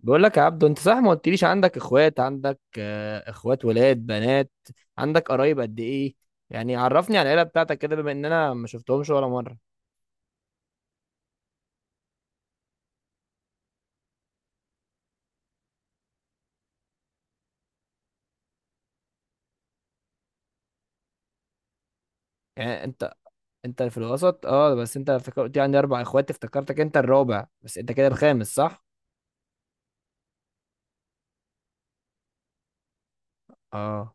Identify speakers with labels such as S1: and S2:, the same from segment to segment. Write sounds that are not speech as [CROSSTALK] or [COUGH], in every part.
S1: بقول لك يا عبدو، انت صح، ما قلتليش عندك اخوات. عندك اخوات ولاد بنات؟ عندك قرايب قد ايه؟ يعني عرفني على العيله بتاعتك كده، بما ان انا ما شفتهمش ولا مره. يعني انت في الوسط. اه، بس انت قلت لي عندي اربع اخوات، افتكرتك انت الرابع، بس انت كده الخامس صح؟ اه.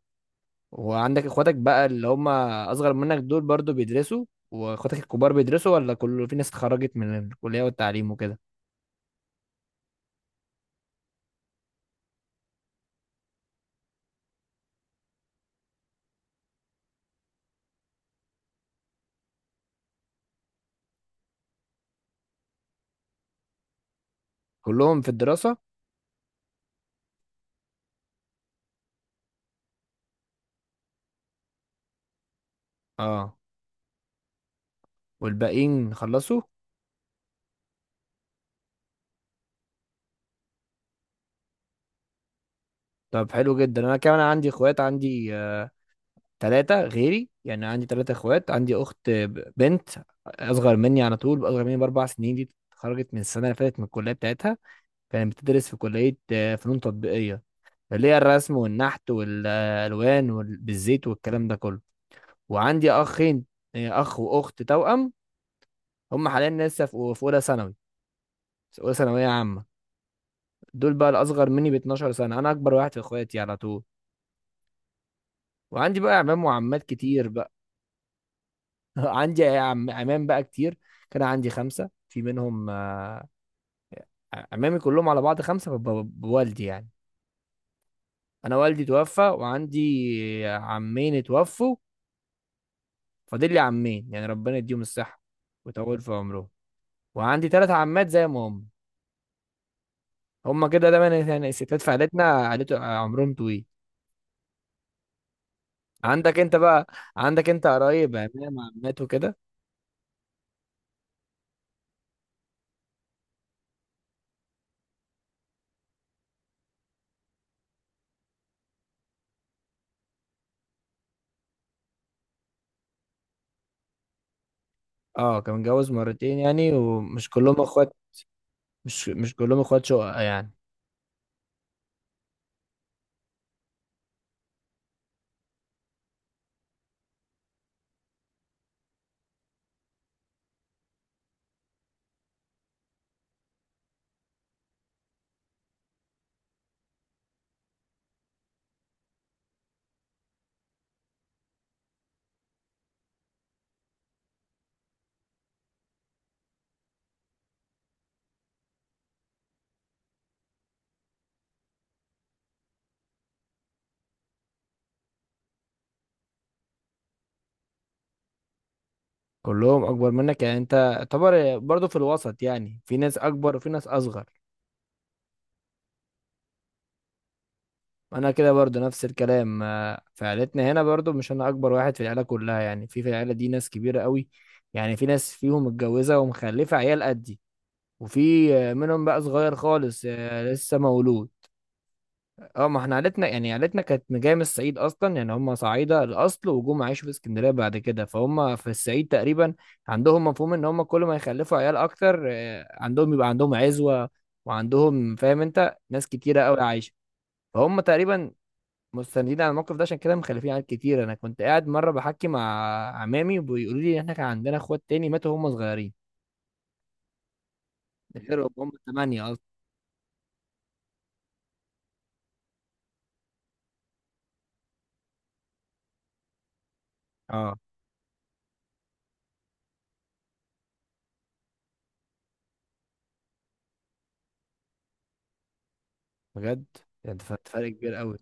S1: وعندك اخواتك بقى اللي هم اصغر منك دول برضو بيدرسوا؟ واخواتك الكبار بيدرسوا ولا كله، في ناس اتخرجت من الكليه والتعليم وكده؟ كلهم في الدراسه؟ اه، والباقيين خلصوا؟ طب حلو جدا. انا كمان عندي اخوات، عندي تلاتة غيري، يعني عندي تلاتة اخوات. عندي اخت بنت، اصغر مني على طول، اصغر مني باربع سنين. دي اتخرجت من السنة اللي فاتت من الكلية بتاعتها. كانت بتدرس في كلية فنون تطبيقية، اللي هي الرسم والنحت والالوان بالزيت والكلام ده كله. وعندي اخين، اخ واخت توأم. هم حاليا لسه في اولى ثانوي، اولى ثانوية عامة. دول بقى الاصغر مني ب 12 سنة. انا اكبر واحد في اخواتي على طول. وعندي بقى اعمام وعمات كتير بقى. [LAUGHS] عندي عمام بقى كتير. كان عندي خمسة في منهم، عمامي كلهم على بعض خمسة بوالدي يعني. أنا والدي توفى، وعندي عمين اتوفوا. فاضل لي عمين، يعني ربنا يديهم الصحة ويطول في عمرهم. وعندي تلات عمات زي ما هم. هم كده دايما، يعني الستات في عائلتنا عائلته عمرهم طويل. عندك انت بقى، عندك انت قرايب عمام عمات وكده؟ اه، كان متجوز مرتين يعني، ومش كلهم اخوات. مش كلهم اخوات شقق يعني. كلهم اكبر منك، يعني انت تعتبر برضو في الوسط، يعني في ناس اكبر وفي ناس اصغر. انا كده برضو نفس الكلام. في عيلتنا هنا برضو، مش انا اكبر واحد في العيله كلها، يعني في العيله دي ناس كبيره قوي، يعني في ناس فيهم متجوزه ومخلفه عيال قدي، وفي منهم بقى صغير خالص، لسه مولود. اه، ما احنا عيلتنا يعني، عيلتنا كانت جايه من الصعيد اصلا، يعني هم صعايده الاصل وجم عايشوا في اسكندريه بعد كده، فهم في الصعيد تقريبا عندهم مفهوم ان هم كل ما يخلفوا عيال اكتر، عندهم يبقى عندهم عزوه، وعندهم، فاهم انت، ناس كتيره قوي عايشه. فهم تقريبا مستندين على الموقف ده، عشان كده مخلفين عيال كتير. انا كنت قاعد مره بحكي مع عمامي، وبيقولوا لي ان احنا كان عندنا اخوات تاني ماتوا وهم صغيرين، غيرهم هم ثمانيه اصلا. اه، بجد، يعني فرق كبير قوي.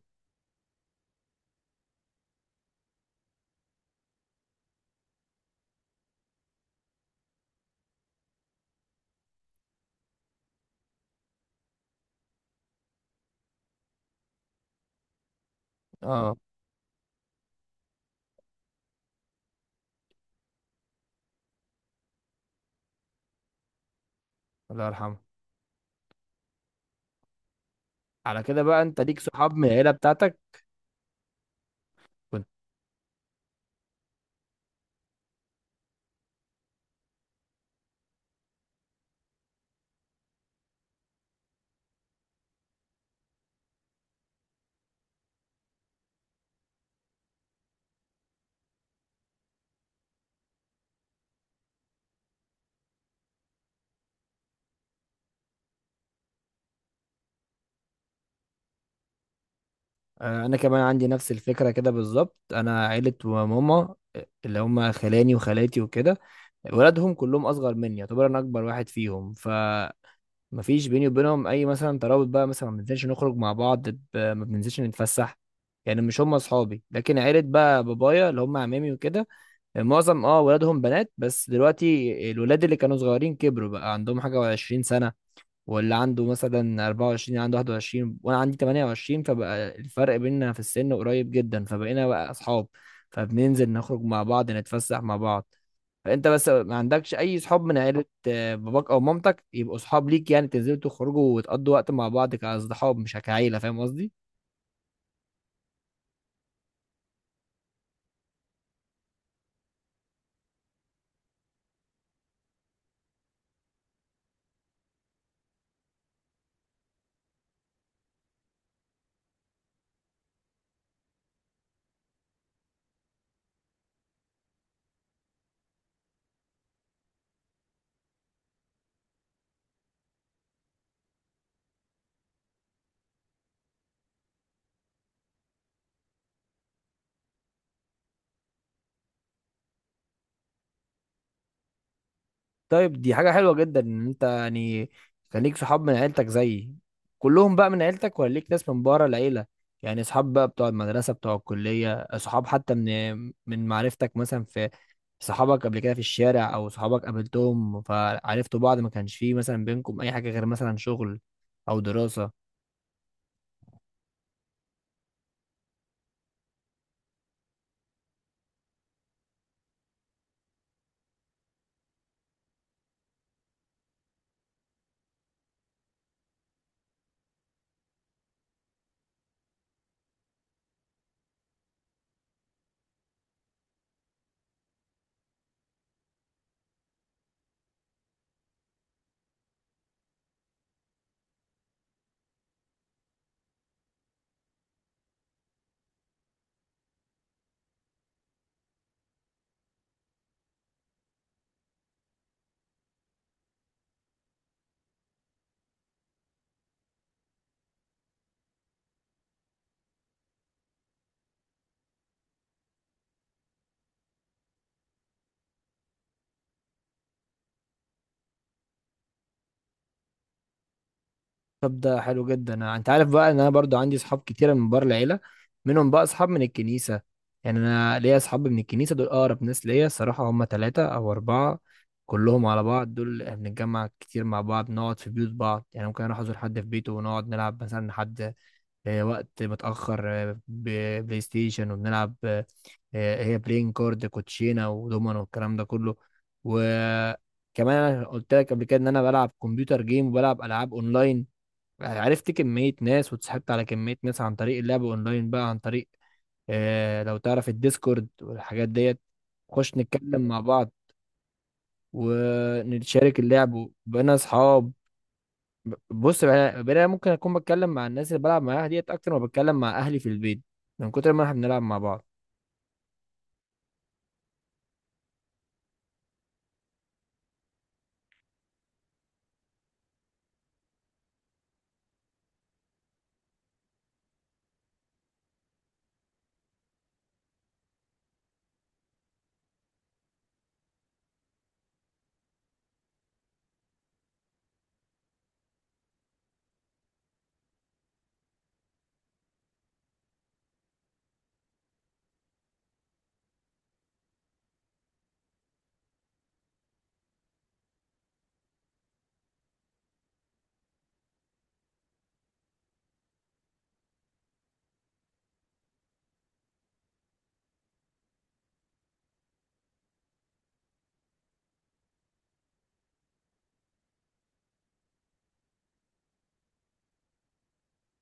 S1: اه، الله يرحمه. على كده بقى، انت ليك صحاب من العيله بتاعتك؟ كنت آه، انا كمان عندي نفس الفكره كده بالظبط. انا عيله ماما، اللي هم خلاني وخالاتي وكده، ولادهم كلهم اصغر مني، يعتبر انا اكبر واحد فيهم. ف مفيش بيني وبينهم اي مثلا ترابط بقى، مثلا ما بننزلش نخرج مع بعض، ما بننزلش نتفسح، يعني مش هم اصحابي. لكن عيله بقى بابايا، اللي هم عمامي وكده، معظم ولادهم بنات، بس دلوقتي الولاد اللي كانوا صغيرين كبروا، بقى عندهم حاجه و20 سنه، واللي عنده مثلا 24 عنده 21، وانا عندي 28. فبقى الفرق بيننا في السن قريب جدا، فبقينا بقى اصحاب، فبننزل نخرج مع بعض، نتفسح مع بعض. فانت بس، ما عندكش اي صحاب من عيلة باباك او مامتك، يبقوا صحاب ليك، يعني تنزلوا تخرجوا وتقضوا وقت مع بعض كاصحاب مش كعيلة، فاهم قصدي؟ طيب، دي حاجة حلوة جدا ان انت يعني كان ليك صحاب من عيلتك زيي. كلهم بقى من عيلتك، ولا ليك ناس من بره العيلة، يعني صحاب بقى بتوع المدرسة، بتوع الكلية، صحاب حتى من معرفتك، مثلا في صحابك قبل كده في الشارع، او صحابك قابلتهم فعرفتوا بعض، ما كانش فيه مثلا بينكم اي حاجة غير مثلا شغل او دراسة؟ طب ده حلو جدا. انت عارف بقى ان انا برضو عندي اصحاب كتيره من بره العيله. منهم بقى اصحاب من الكنيسه، يعني انا ليا اصحاب من الكنيسه دول اقرب ناس ليا الصراحه، هم ثلاثه او اربعه كلهم على بعض. دول إحنا بنتجمع كتير مع بعض، نقعد في بيوت بعض، يعني ممكن اروح ازور حد في بيته ونقعد نلعب مثلا لحد وقت متاخر، بلاي ستيشن، وبنلعب هي بلاين كارد كوتشينه ودومينو والكلام ده كله. وكمان انا قلت لك قبل كده ان انا بلعب كمبيوتر جيم وبلعب العاب اونلاين. عرفت كمية ناس واتسحبت على كمية ناس عن طريق اللعب اونلاين، بقى عن طريق لو تعرف الديسكورد والحاجات ديت، خش نتكلم مع بعض ونشارك اللعب وبقينا اصحاب. بص بقى، بقينا ممكن اكون بتكلم مع الناس اللي بلعب معاها ديت اكتر ما بتكلم مع اهلي في البيت، من كتر ما احنا بنلعب مع بعض.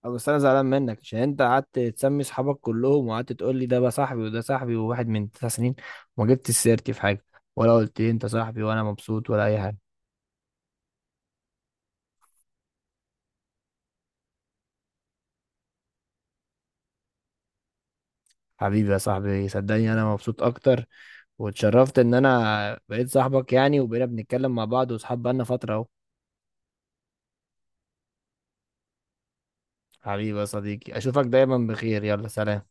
S1: أه، بس انا زعلان منك عشان انت قعدت تسمي اصحابك كلهم، وقعدت تقول لي ده بقى صاحبي وده صاحبي وواحد من تسع سنين، وما جبتش سيرتي في حاجة، ولا قلت لي انت صاحبي، ولا مبسوط، ولا اي حاجة. حبيبي يا صاحبي، صدقني انا مبسوط اكتر، واتشرفت ان انا بقيت صاحبك يعني، وبقينا بنتكلم مع بعض واصحاب بقالنا فترة اهو. حبيبي يا صديقي، اشوفك دايما بخير، يلا سلام.